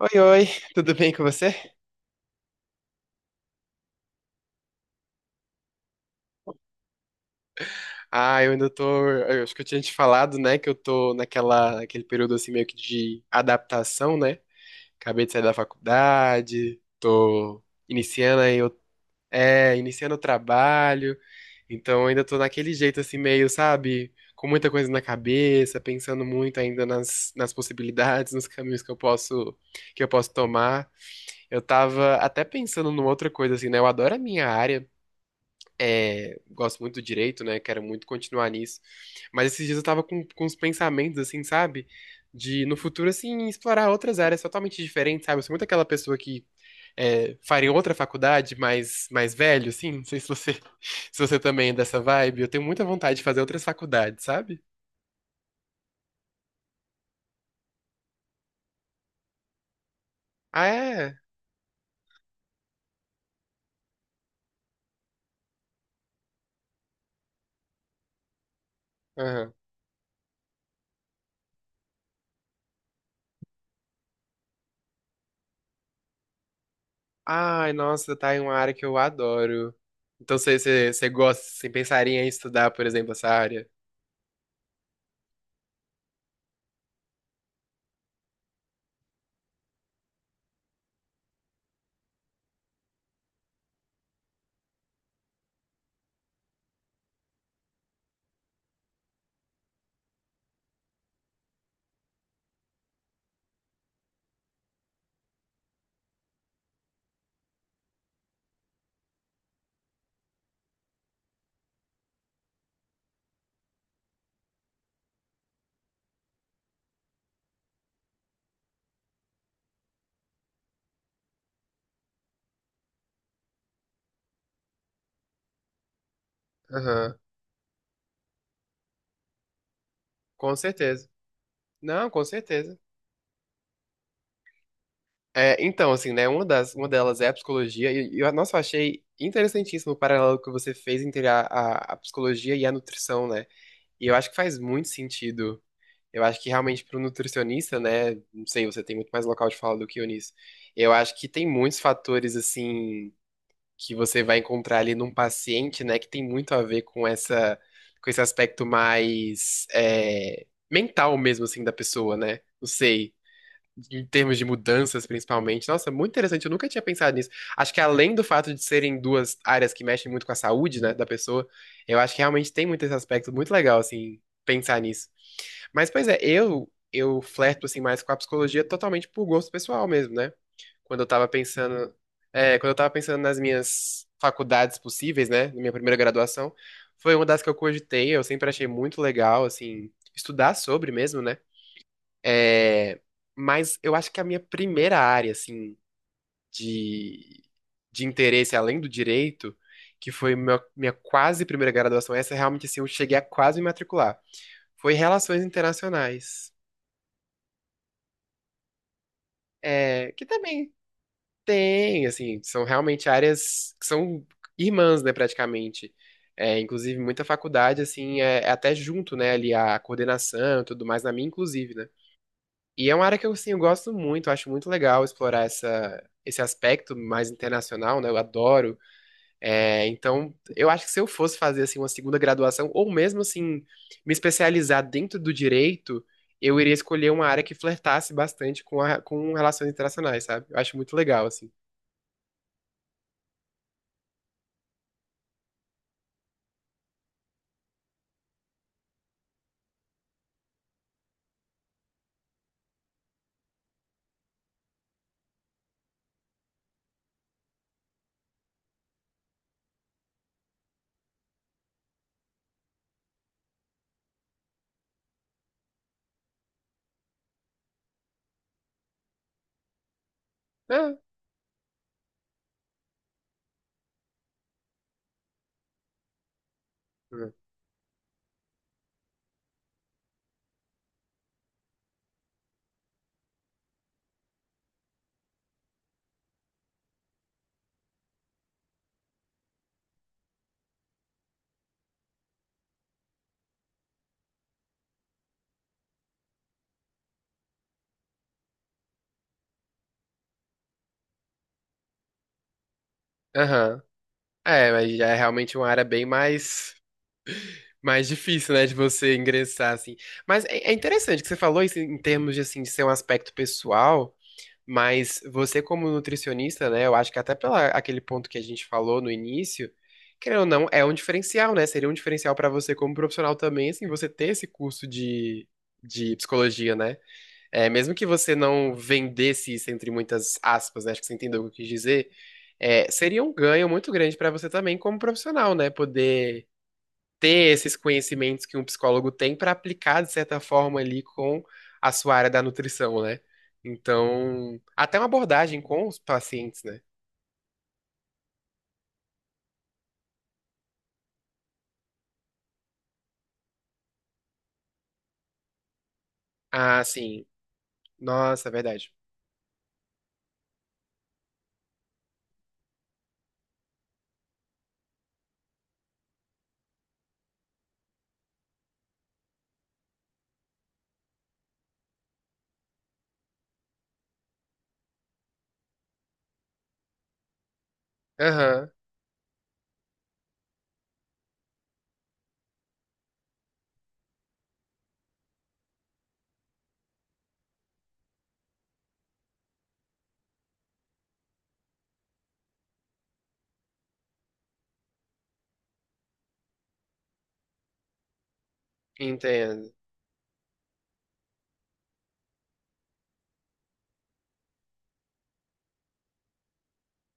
Oi, oi, tudo bem com você? Ah, eu ainda tô. Eu acho que eu tinha te falado, né, que eu tô naquele período assim meio que de adaptação, né? Acabei de sair da faculdade, tô iniciando aí, iniciando o trabalho, então ainda tô naquele jeito assim meio, sabe, com muita coisa na cabeça, pensando muito ainda nas possibilidades, nos caminhos que eu posso tomar. Eu tava até pensando numa outra coisa assim, né? Eu adoro a minha área. É, gosto muito do direito, né? Quero muito continuar nisso. Mas esses dias eu tava com uns pensamentos, assim, sabe? De no futuro, assim, explorar outras áreas totalmente diferentes, sabe? Eu sou muito aquela pessoa que faria outra faculdade, mais velho, assim. Não sei se você, se você também é dessa vibe. Eu tenho muita vontade de fazer outras faculdades, sabe? Ah, é? Aham. Ai, nossa, tá em uma área que eu adoro. Então você gosta, você pensaria em estudar, por exemplo, essa área? Aham, com certeza. Não, com certeza. É, então, assim, né, uma delas é a psicologia, e nossa, eu achei interessantíssimo o paralelo que você fez entre a psicologia e a nutrição, né? E eu acho que faz muito sentido. Eu acho que realmente para o nutricionista, né, não sei, você tem muito mais local de fala do que eu nisso. Eu acho que tem muitos fatores, assim, que você vai encontrar ali num paciente, né, que tem muito a ver com com esse aspecto mais, mental mesmo, assim, da pessoa, né? Não sei em termos de mudanças, principalmente. Nossa, muito interessante. Eu nunca tinha pensado nisso. Acho que além do fato de serem duas áreas que mexem muito com a saúde, né, da pessoa, eu acho que realmente tem muito esse aspecto muito legal, assim, pensar nisso. Mas, pois é, eu flerto, assim, mais com a psicologia totalmente por gosto pessoal mesmo, né? Quando eu tava pensando, Quando eu tava pensando nas minhas faculdades possíveis, né, na minha primeira graduação, foi uma das que eu cogitei, eu sempre achei muito legal, assim, estudar sobre mesmo, né? É, mas eu acho que a minha primeira área, assim, de, de interesse, além do direito, que foi minha quase primeira graduação, essa realmente, assim, eu cheguei a quase me matricular, foi Relações Internacionais. É, que também tem, assim, são realmente áreas que são irmãs, né, praticamente. É, inclusive, muita faculdade, assim, é até junto, né, ali a coordenação e tudo mais, na minha, inclusive, né? E é uma área que eu, assim, eu gosto muito, acho muito legal explorar esse aspecto mais internacional, né? Eu adoro. É, então, eu acho que se eu fosse fazer assim uma segunda graduação, ou mesmo assim, me especializar dentro do direito, eu iria escolher uma área que flertasse bastante com, a, com relações internacionais, sabe? Eu acho muito legal, assim. Ah, hum. Aham. É, mas já é realmente uma área bem mais. Mais difícil, né, de você ingressar, assim. Mas é interessante que você falou isso em termos de, assim, de ser um aspecto pessoal. Mas você, como nutricionista, né? Eu acho que até pela aquele ponto que a gente falou no início, querendo ou não, é um diferencial, né? Seria um diferencial para você como profissional também, assim, você ter esse curso de psicologia, né? É, mesmo que você não vendesse isso entre muitas aspas, né? Acho que você entendeu o que eu quis dizer. É, seria um ganho muito grande para você também como profissional, né? Poder ter esses conhecimentos que um psicólogo tem para aplicar, de certa forma, ali com a sua área da nutrição, né? Então, até uma abordagem com os pacientes, né? Ah, sim. Nossa, é verdade. Aham, entendo.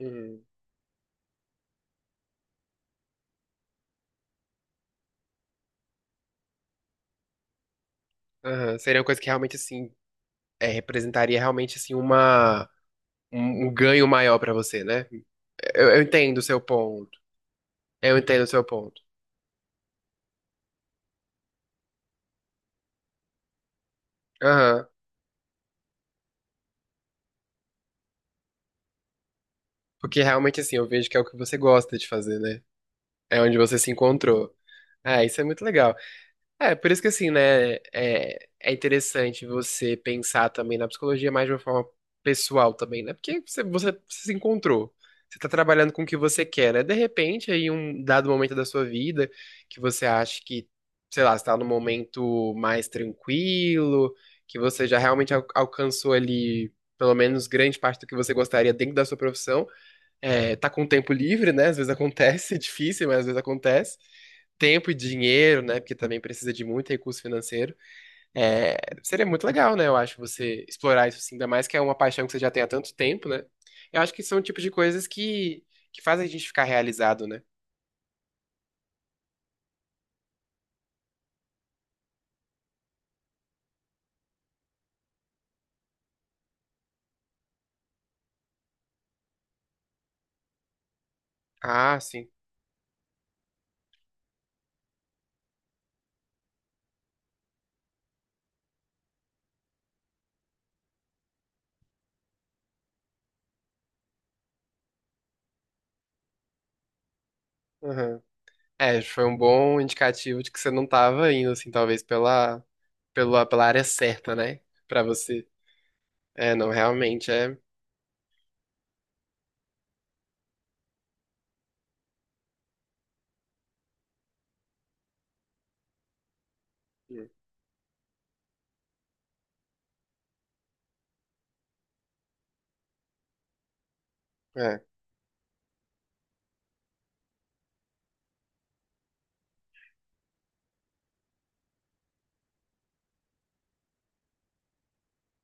Uhum, aham. Seria uma coisa que realmente, assim, é, representaria realmente, assim, uma, um ganho maior para você, né? Eu entendo o seu ponto. Eu entendo o seu ponto. Aham. Porque realmente, assim, eu vejo que é o que você gosta de fazer, né? É onde você se encontrou. Ah, isso é muito legal. É, por isso que assim, né, é interessante você pensar também na psicologia mais de uma forma pessoal também, né? Porque você se encontrou, você tá trabalhando com o que você quer, né? De repente, aí um dado momento da sua vida que você acha que, sei lá, você tá num momento mais tranquilo, que você já realmente alcançou ali pelo menos grande parte do que você gostaria dentro da sua profissão, é, tá com tempo livre, né? Às vezes acontece, é difícil, mas às vezes acontece. Tempo e dinheiro, né? Porque também precisa de muito recurso financeiro. É, seria muito legal, né? Eu acho você explorar isso assim, ainda mais que é uma paixão que você já tem há tanto tempo, né? Eu acho que são o tipo de coisas que fazem a gente ficar realizado, né? Ah, sim. Aham. É, foi um bom indicativo de que você não tava indo, assim, talvez pela área certa, né? Pra você. É, não, realmente é. É.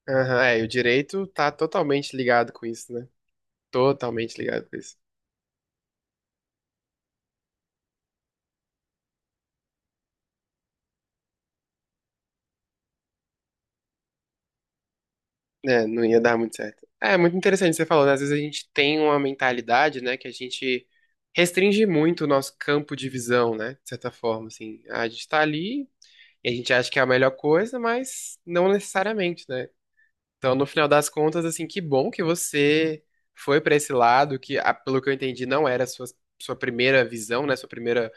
Aham, é, e o direito tá totalmente ligado com isso, né? Totalmente ligado com isso. É, não ia dar muito certo. É, muito interessante o que você falou, né? Às vezes a gente tem uma mentalidade, né, que a gente restringe muito o nosso campo de visão, né? De certa forma, assim. A gente tá ali e a gente acha que é a melhor coisa, mas não necessariamente, né? Então, no final das contas, assim, que bom que você foi pra esse lado, que, ah, pelo que eu entendi, não era a sua primeira visão, né? Sua primeira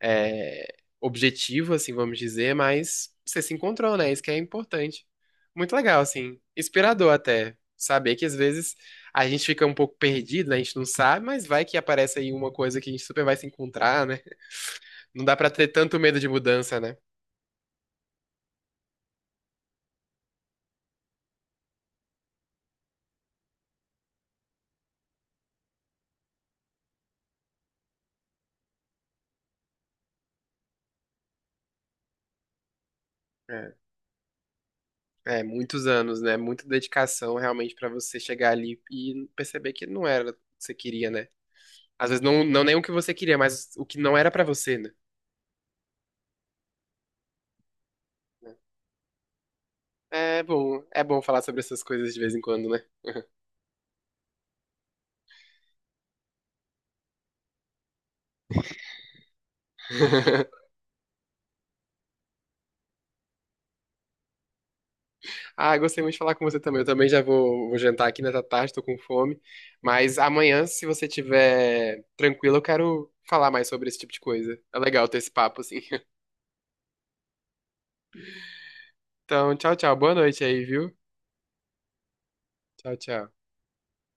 é, objetivo, assim, vamos dizer, mas você se encontrou, né? Isso que é importante. Muito legal, assim, inspirador até. Saber que às vezes a gente fica um pouco perdido, né? A gente não sabe, mas vai que aparece aí uma coisa que a gente super vai se encontrar, né? Não dá pra ter tanto medo de mudança, né? É, é, muitos anos, né? Muita dedicação realmente pra você chegar ali e perceber que não era o que você queria, né? Às vezes não nem o que você queria, mas o que não era pra você, né? É bom falar sobre essas coisas de vez em quando, né? Ah, gostei muito de falar com você também. Eu também já vou jantar aqui nessa tarde, tô com fome. Mas amanhã, se você tiver tranquilo, eu quero falar mais sobre esse tipo de coisa. É legal ter esse papo, assim. Então, tchau, tchau. Boa noite aí, viu? Tchau, tchau.